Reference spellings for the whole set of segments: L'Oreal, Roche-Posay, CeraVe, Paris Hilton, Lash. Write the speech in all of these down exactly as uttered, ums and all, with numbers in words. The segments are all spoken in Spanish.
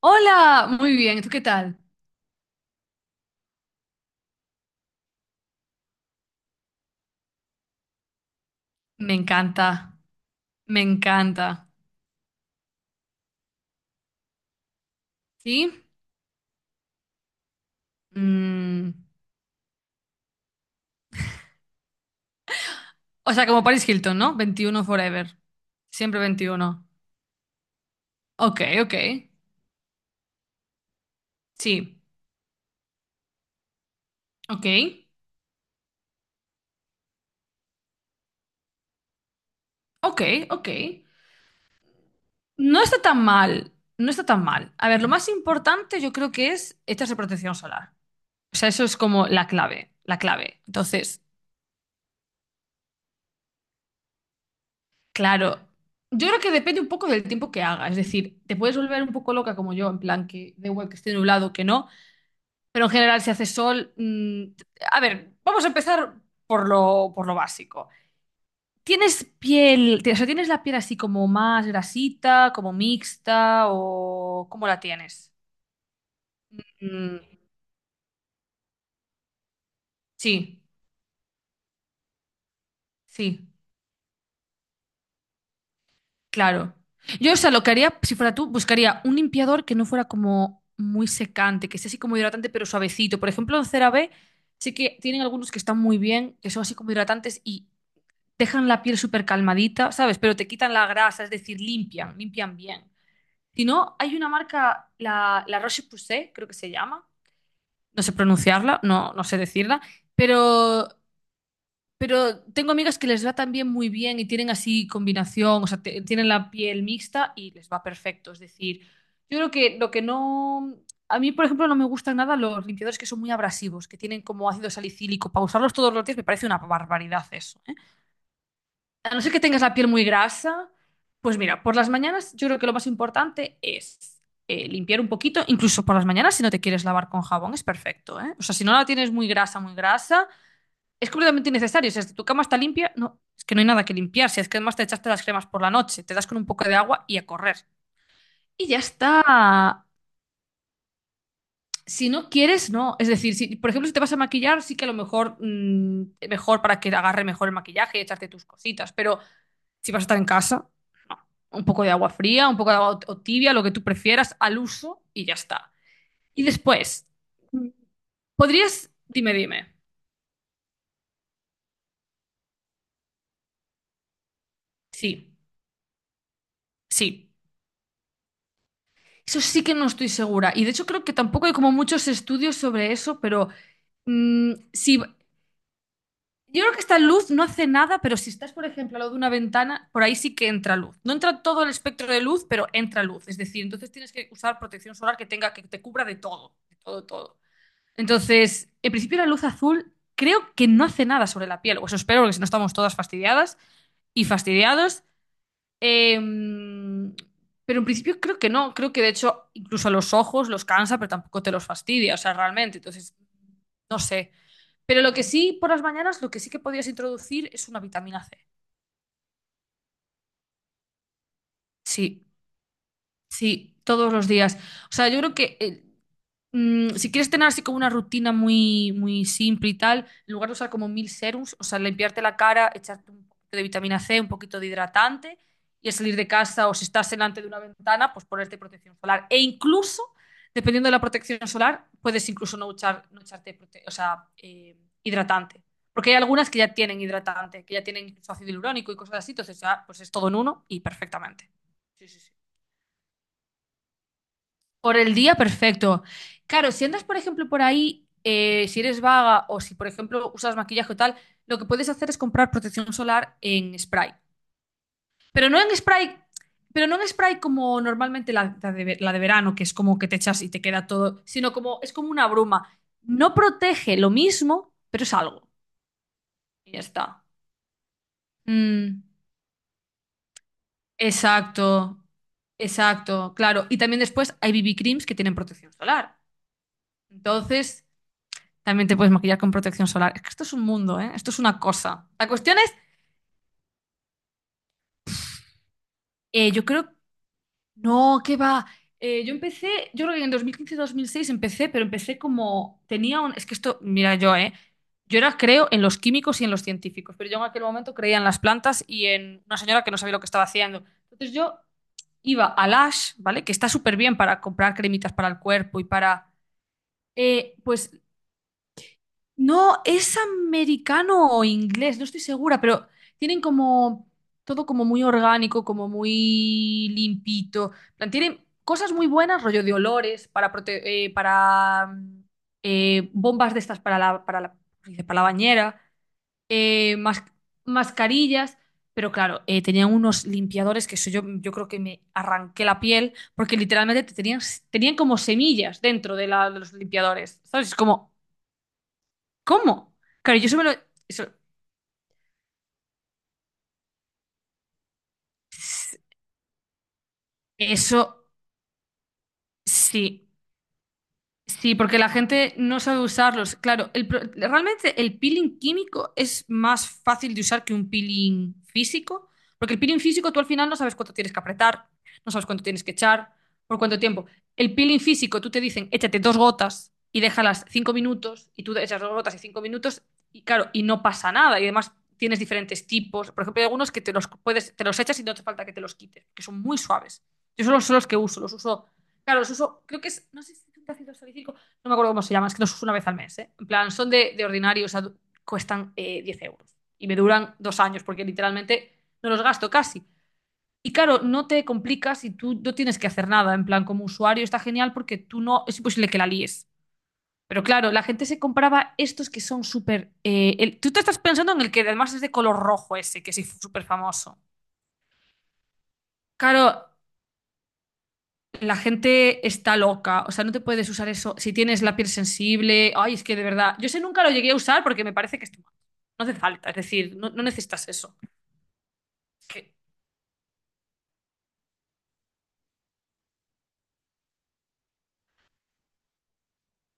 Hola, muy bien, ¿tú qué tal? Me encanta, me encanta. ¿Sí? Mm, o sea, como Paris Hilton, ¿no? Veintiuno forever. Siempre veintiuno. Ok, ok. Sí, ok, ok, ok. No está tan mal, no está tan mal. A ver, lo más importante yo creo que es echarse protección solar. O sea, eso es como la clave, la clave. Entonces, claro, yo creo que depende un poco del tiempo que haga. Es decir, te puedes volver un poco loca como yo, en plan que da igual que esté nublado que no. Pero en general, si hace sol. Mm, a ver, vamos a empezar por lo, por lo básico. ¿Tienes piel, o sea, tienes la piel así como más grasita, como mixta o cómo la tienes? Mm, sí, sí, claro. Yo, o sea, lo que haría, si fuera tú, buscaría un limpiador que no fuera como muy secante, que sea así como hidratante pero suavecito. Por ejemplo, en CeraVe sí que tienen algunos que están muy bien, que son así como hidratantes y dejan la piel súper calmadita, ¿sabes? Pero te quitan la grasa, es decir, limpian, limpian bien. Si no, hay una marca, la, la Roche-Posay, creo que se llama, no sé pronunciarla, no, no sé decirla, pero, pero tengo amigas que les va también muy bien y tienen así combinación, o sea, te- tienen la piel mixta y les va perfecto. Es decir, yo creo que lo que no... A mí, por ejemplo, no me gustan nada los limpiadores que son muy abrasivos, que tienen como ácido salicílico. Para usarlos todos los días me parece una barbaridad eso. ¿Eh? A no ser que tengas la piel muy grasa, pues mira, por las mañanas yo creo que lo más importante es eh, limpiar un poquito, incluso por las mañanas si no te quieres lavar con jabón es perfecto, ¿eh? O sea, si no la tienes muy grasa, muy grasa, es completamente innecesario. O sea, si tu cama está limpia, no, es que no hay nada que limpiar. Si es que además te echaste las cremas por la noche, te das con un poco de agua y a correr. Y ya está. Si no quieres, no. Es decir, si, por ejemplo, si te vas a maquillar, sí que a lo mejor, mm, mejor para que agarre mejor el maquillaje y echarte tus cositas, pero... si vas a estar en casa, no. Un poco de agua fría, un poco de agua o tibia, lo que tú prefieras, al uso y ya está. Y después, podrías, dime, dime. Sí, sí. Eso sí que no estoy segura. Y de hecho creo que tampoco hay como muchos estudios sobre eso, pero mm, si, yo creo que esta luz no hace nada, pero si estás, por ejemplo, al lado de una ventana, por ahí sí que entra luz. No entra todo el espectro de luz, pero entra luz. Es decir, entonces tienes que usar protección solar que tenga, que te cubra de todo, de todo, todo. Entonces, en principio la luz azul creo que no hace nada sobre la piel, o eso espero, porque si no estamos todas fastidiadas y fastidiados. Em, pero en principio creo que no, creo que de hecho incluso a los ojos los cansa, pero tampoco te los fastidia, o sea, realmente, entonces, no sé. Pero lo que sí, por las mañanas, lo que sí que podías introducir es una vitamina C. Sí, sí, todos los días. O sea, yo creo que eh, Mm, si quieres tener así como una rutina muy, muy simple y tal, en lugar de usar como mil serums, o sea, limpiarte la cara, echarte un poquito de vitamina C, un poquito de hidratante, y al salir de casa o si estás delante de una ventana, pues ponerte protección solar. E incluso, dependiendo de la protección solar, puedes incluso no, echar, no echarte prote- o sea, eh, hidratante. Porque hay algunas que ya tienen hidratante, que ya tienen incluso ácido hialurónico y cosas así, entonces ya pues es todo en uno y perfectamente. Sí, sí, sí. Por el día, perfecto. Claro, si andas, por ejemplo, por ahí, eh, si eres vaga o si, por ejemplo, usas maquillaje o tal, lo que puedes hacer es comprar protección solar en spray. Pero no en spray, pero no en spray como normalmente la, la de, la de verano, que es como que te echas y te queda todo, sino como es como una bruma. No protege lo mismo, pero es algo. Y ya está. Mm, exacto, exacto, claro. Y también después hay B B creams que tienen protección solar. Entonces... También te puedes maquillar con protección solar. Es que esto es un mundo, ¿eh? Esto es una cosa. La cuestión es, eh, yo creo, no, ¿qué va? Eh, yo empecé, yo creo que en dos mil quince-dos mil seis empecé, pero empecé como, tenía un, es que esto, mira yo, ¿eh? Yo era, creo, en los químicos y en los científicos, pero yo en aquel momento creía en las plantas y en una señora que no sabía lo que estaba haciendo. Entonces yo iba a Lash, ¿vale? Que está súper bien para comprar cremitas para el cuerpo y para... eh, pues no, es americano o inglés, no estoy segura, pero tienen como todo como muy orgánico, como muy limpito. En plan, tienen cosas muy buenas, rollo de olores, para, prote- eh, para mm, eh, bombas de estas para la, para la, dice, para la bañera, eh, mas- mascarillas, pero claro, eh, tenían unos limpiadores que eso yo, yo, creo que me arranqué la piel, porque literalmente te tenían, tenían como semillas dentro de, la- de los limpiadores, ¿sabes? Es como... ¿Cómo? Claro, yo eso me lo... Eso, eso sí. Sí, porque la gente no sabe usarlos. Claro, el pro- realmente el peeling químico es más fácil de usar que un peeling físico, porque el peeling físico tú al final no sabes cuánto tienes que apretar, no sabes cuánto tienes que echar, por cuánto tiempo. El peeling físico tú te dicen, échate dos gotas y déjalas cinco minutos, y tú echas dos gotas y cinco minutos, y claro, y no pasa nada. Y además tienes diferentes tipos. Por ejemplo, hay algunos que te los puedes, te los echas y no hace falta que te los quites, que son muy suaves. Yo solo son los que uso, los uso. Claro, los uso, creo que es, no sé si es un ácido salicílico, no me acuerdo cómo se llama, es que los uso una vez al mes, ¿eh? En plan, son de, de ordinario, o sea, du- cuestan eh, diez euros y me duran dos años porque literalmente no los gasto casi. Y claro, no te complicas y tú no tienes que hacer nada, en plan, como usuario está genial porque tú no, es imposible que la líes. Pero claro, la gente se compraba estos que son súper... eh, el- tú te estás pensando en el que además es de color rojo ese, que es súper famoso. Claro, la gente está loca, o sea, no te puedes usar eso si tienes la piel sensible. Ay, es que de verdad, yo ese nunca lo llegué a usar porque me parece que es tu- no hace falta, es decir, no, no necesitas eso. Que-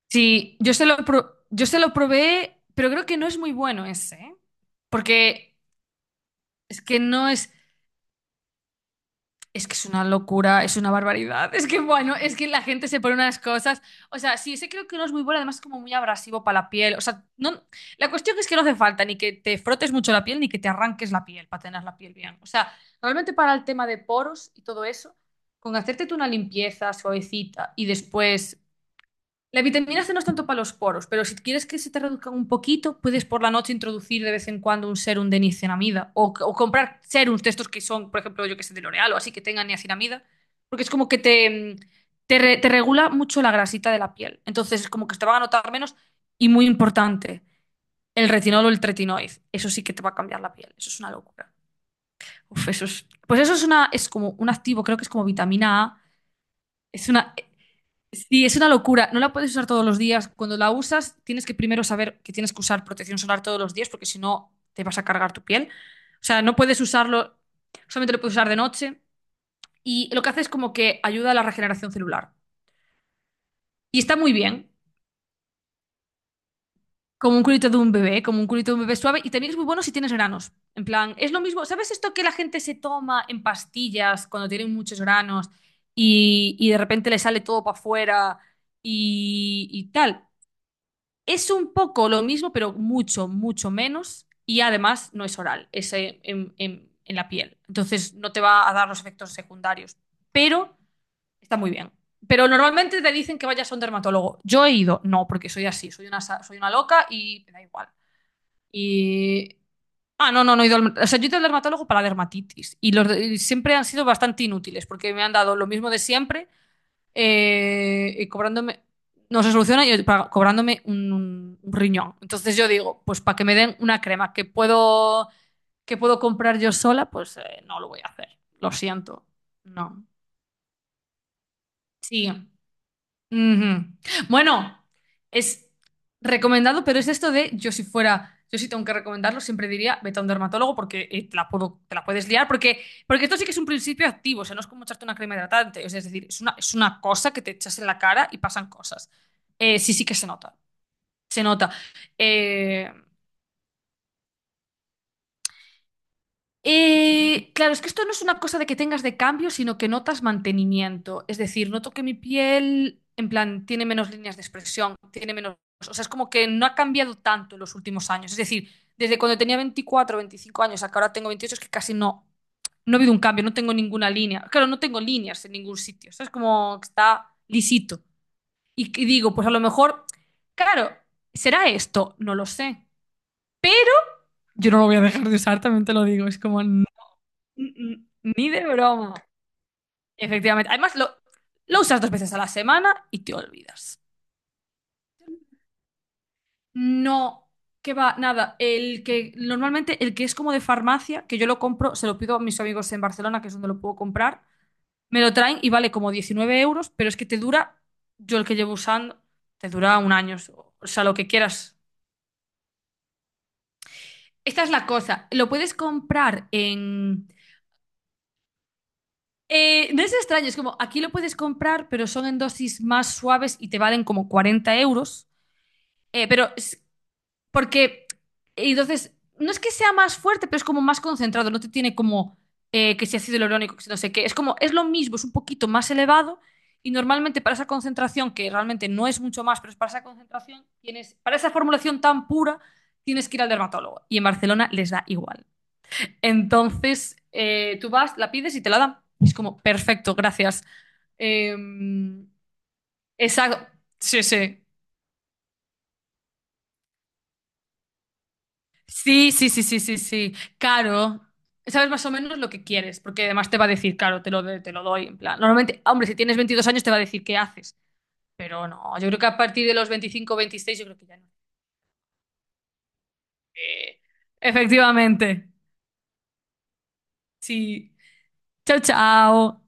Sí, yo se lo, pro- yo se lo probé, pero creo que no es muy bueno ese, ¿eh? Porque es que no es, es que es una locura, es una barbaridad. Es que, bueno, es que la gente se pone unas cosas. O sea, sí, ese creo que no es muy bueno, además es como muy abrasivo para la piel. O sea, no, la cuestión es que no hace falta ni que te frotes mucho la piel ni que te arranques la piel para tener la piel bien. O sea, realmente para el tema de poros y todo eso, con hacerte tú una limpieza suavecita y después la vitamina C no es tanto para los poros, pero si quieres que se te reduzcan un poquito, puedes por la noche introducir de vez en cuando un serum de niacinamida o, o comprar serums de estos que son, por ejemplo, yo que sé, de L'Oreal o así que tengan niacinamida, porque es como que te, mm, te, re- te regula mucho la grasita de la piel. Entonces es como que te van a notar menos y muy importante, el retinol o el tretinoid. Eso sí que te va a cambiar la piel. Eso es una locura. Uf, eso es, pues eso es una, es como un activo, creo que es como vitamina A. Es una. Sí, es una locura. No la puedes usar todos los días. Cuando la usas, tienes que primero saber que tienes que usar protección solar todos los días, porque si no, te vas a cargar tu piel. O sea, no puedes usarlo, solamente lo puedes usar de noche. Y lo que hace es como que ayuda a la regeneración celular. Y está muy bien, como un culito de un bebé, como un culito de un bebé suave. Y también es muy bueno si tienes granos. En plan, es lo mismo. ¿Sabes esto que la gente se toma en pastillas cuando tienen muchos granos y, y de repente le sale todo para afuera y y tal? Es un poco lo mismo, pero mucho, mucho menos. Y además no es oral, es eh, en, en- en la piel. Entonces no te va a dar los efectos secundarios. Pero está muy bien. Pero normalmente te dicen que vayas a un dermatólogo. Yo he ido, no, porque soy así, soy una, sa- soy una loca y me da igual. Y. Ah, no, no, no he ido al. O sea, yo he ido al dermatólogo para la dermatitis. Y los de- y siempre han sido bastante inútiles, porque me han dado lo mismo de siempre eh, y cobrándome, no se soluciona y pa- cobrándome un, un- un riñón. Entonces yo digo, pues para que me den una crema que puedo, que puedo comprar yo sola, pues eh, no lo voy a hacer. Lo siento. No. Sí. Ujú. Bueno, es recomendado, pero es esto de yo si fuera, yo si tengo que recomendarlo, siempre diría vete a un dermatólogo porque eh, te la puedo- te la puedes liar, porque, porque esto sí que es un principio activo, o sea, no es como echarte una crema hidratante, o sea, es decir, es una, es una cosa que te echas en la cara y pasan cosas. Eh, sí, sí que se nota, se nota. Eh, Eh, claro, es que esto no es una cosa de que tengas de cambio, sino que notas mantenimiento. Es decir, noto que mi piel, en plan, tiene menos líneas de expresión, tiene menos. O sea, es como que no ha cambiado tanto en los últimos años. Es decir, desde cuando tenía veinticuatro, veinticinco años a que ahora tengo veintiocho, es que casi no, no ha habido un cambio, no tengo ninguna línea. Claro, no tengo líneas en ningún sitio. O sea, es como que está lisito. Y, y digo, pues a lo mejor, claro, ¿será esto? No lo sé. Yo no lo voy a dejar de usar, también te lo digo. Es como, Mm, mm, Ni de broma. Efectivamente. Además, lo, lo usas dos veces a la semana y te olvidas. No, que va, nada. El que normalmente, el que es como de farmacia, que yo lo compro, se lo pido a mis amigos en Barcelona, que es donde lo puedo comprar. Me lo traen y vale como diecinueve euros, pero es que te dura, yo el que llevo usando, te dura un año, o sea, lo que quieras. Esta es la cosa. Lo puedes comprar en... Eh, no es extraño, es como aquí lo puedes comprar, pero son en dosis más suaves y te valen como cuarenta euros. Eh, pero es- porque Y entonces no es que sea más fuerte, pero es como más concentrado, no te tiene como eh, que si ácido hialurónico, que si no sé qué, es como es lo mismo, es un poquito más elevado y normalmente para esa concentración que realmente no es mucho más, pero es para esa concentración tienes para esa formulación tan pura tienes que ir al dermatólogo y en Barcelona les da igual. Entonces eh, tú vas, la pides y te la dan. Y es como perfecto, gracias. Eh, esa- sí, sí. Sí, sí, sí, sí, sí, sí. Caro. Sabes más o menos lo que quieres, porque además te va a decir, claro, te lo, de- te lo doy. En plan, normalmente, hombre, si tienes veintidós años te va a decir qué haces, pero no, yo creo que a partir de los veinticinco, o veintiséis yo creo que ya no. Eh, Efectivamente. Sí. Chao, chao.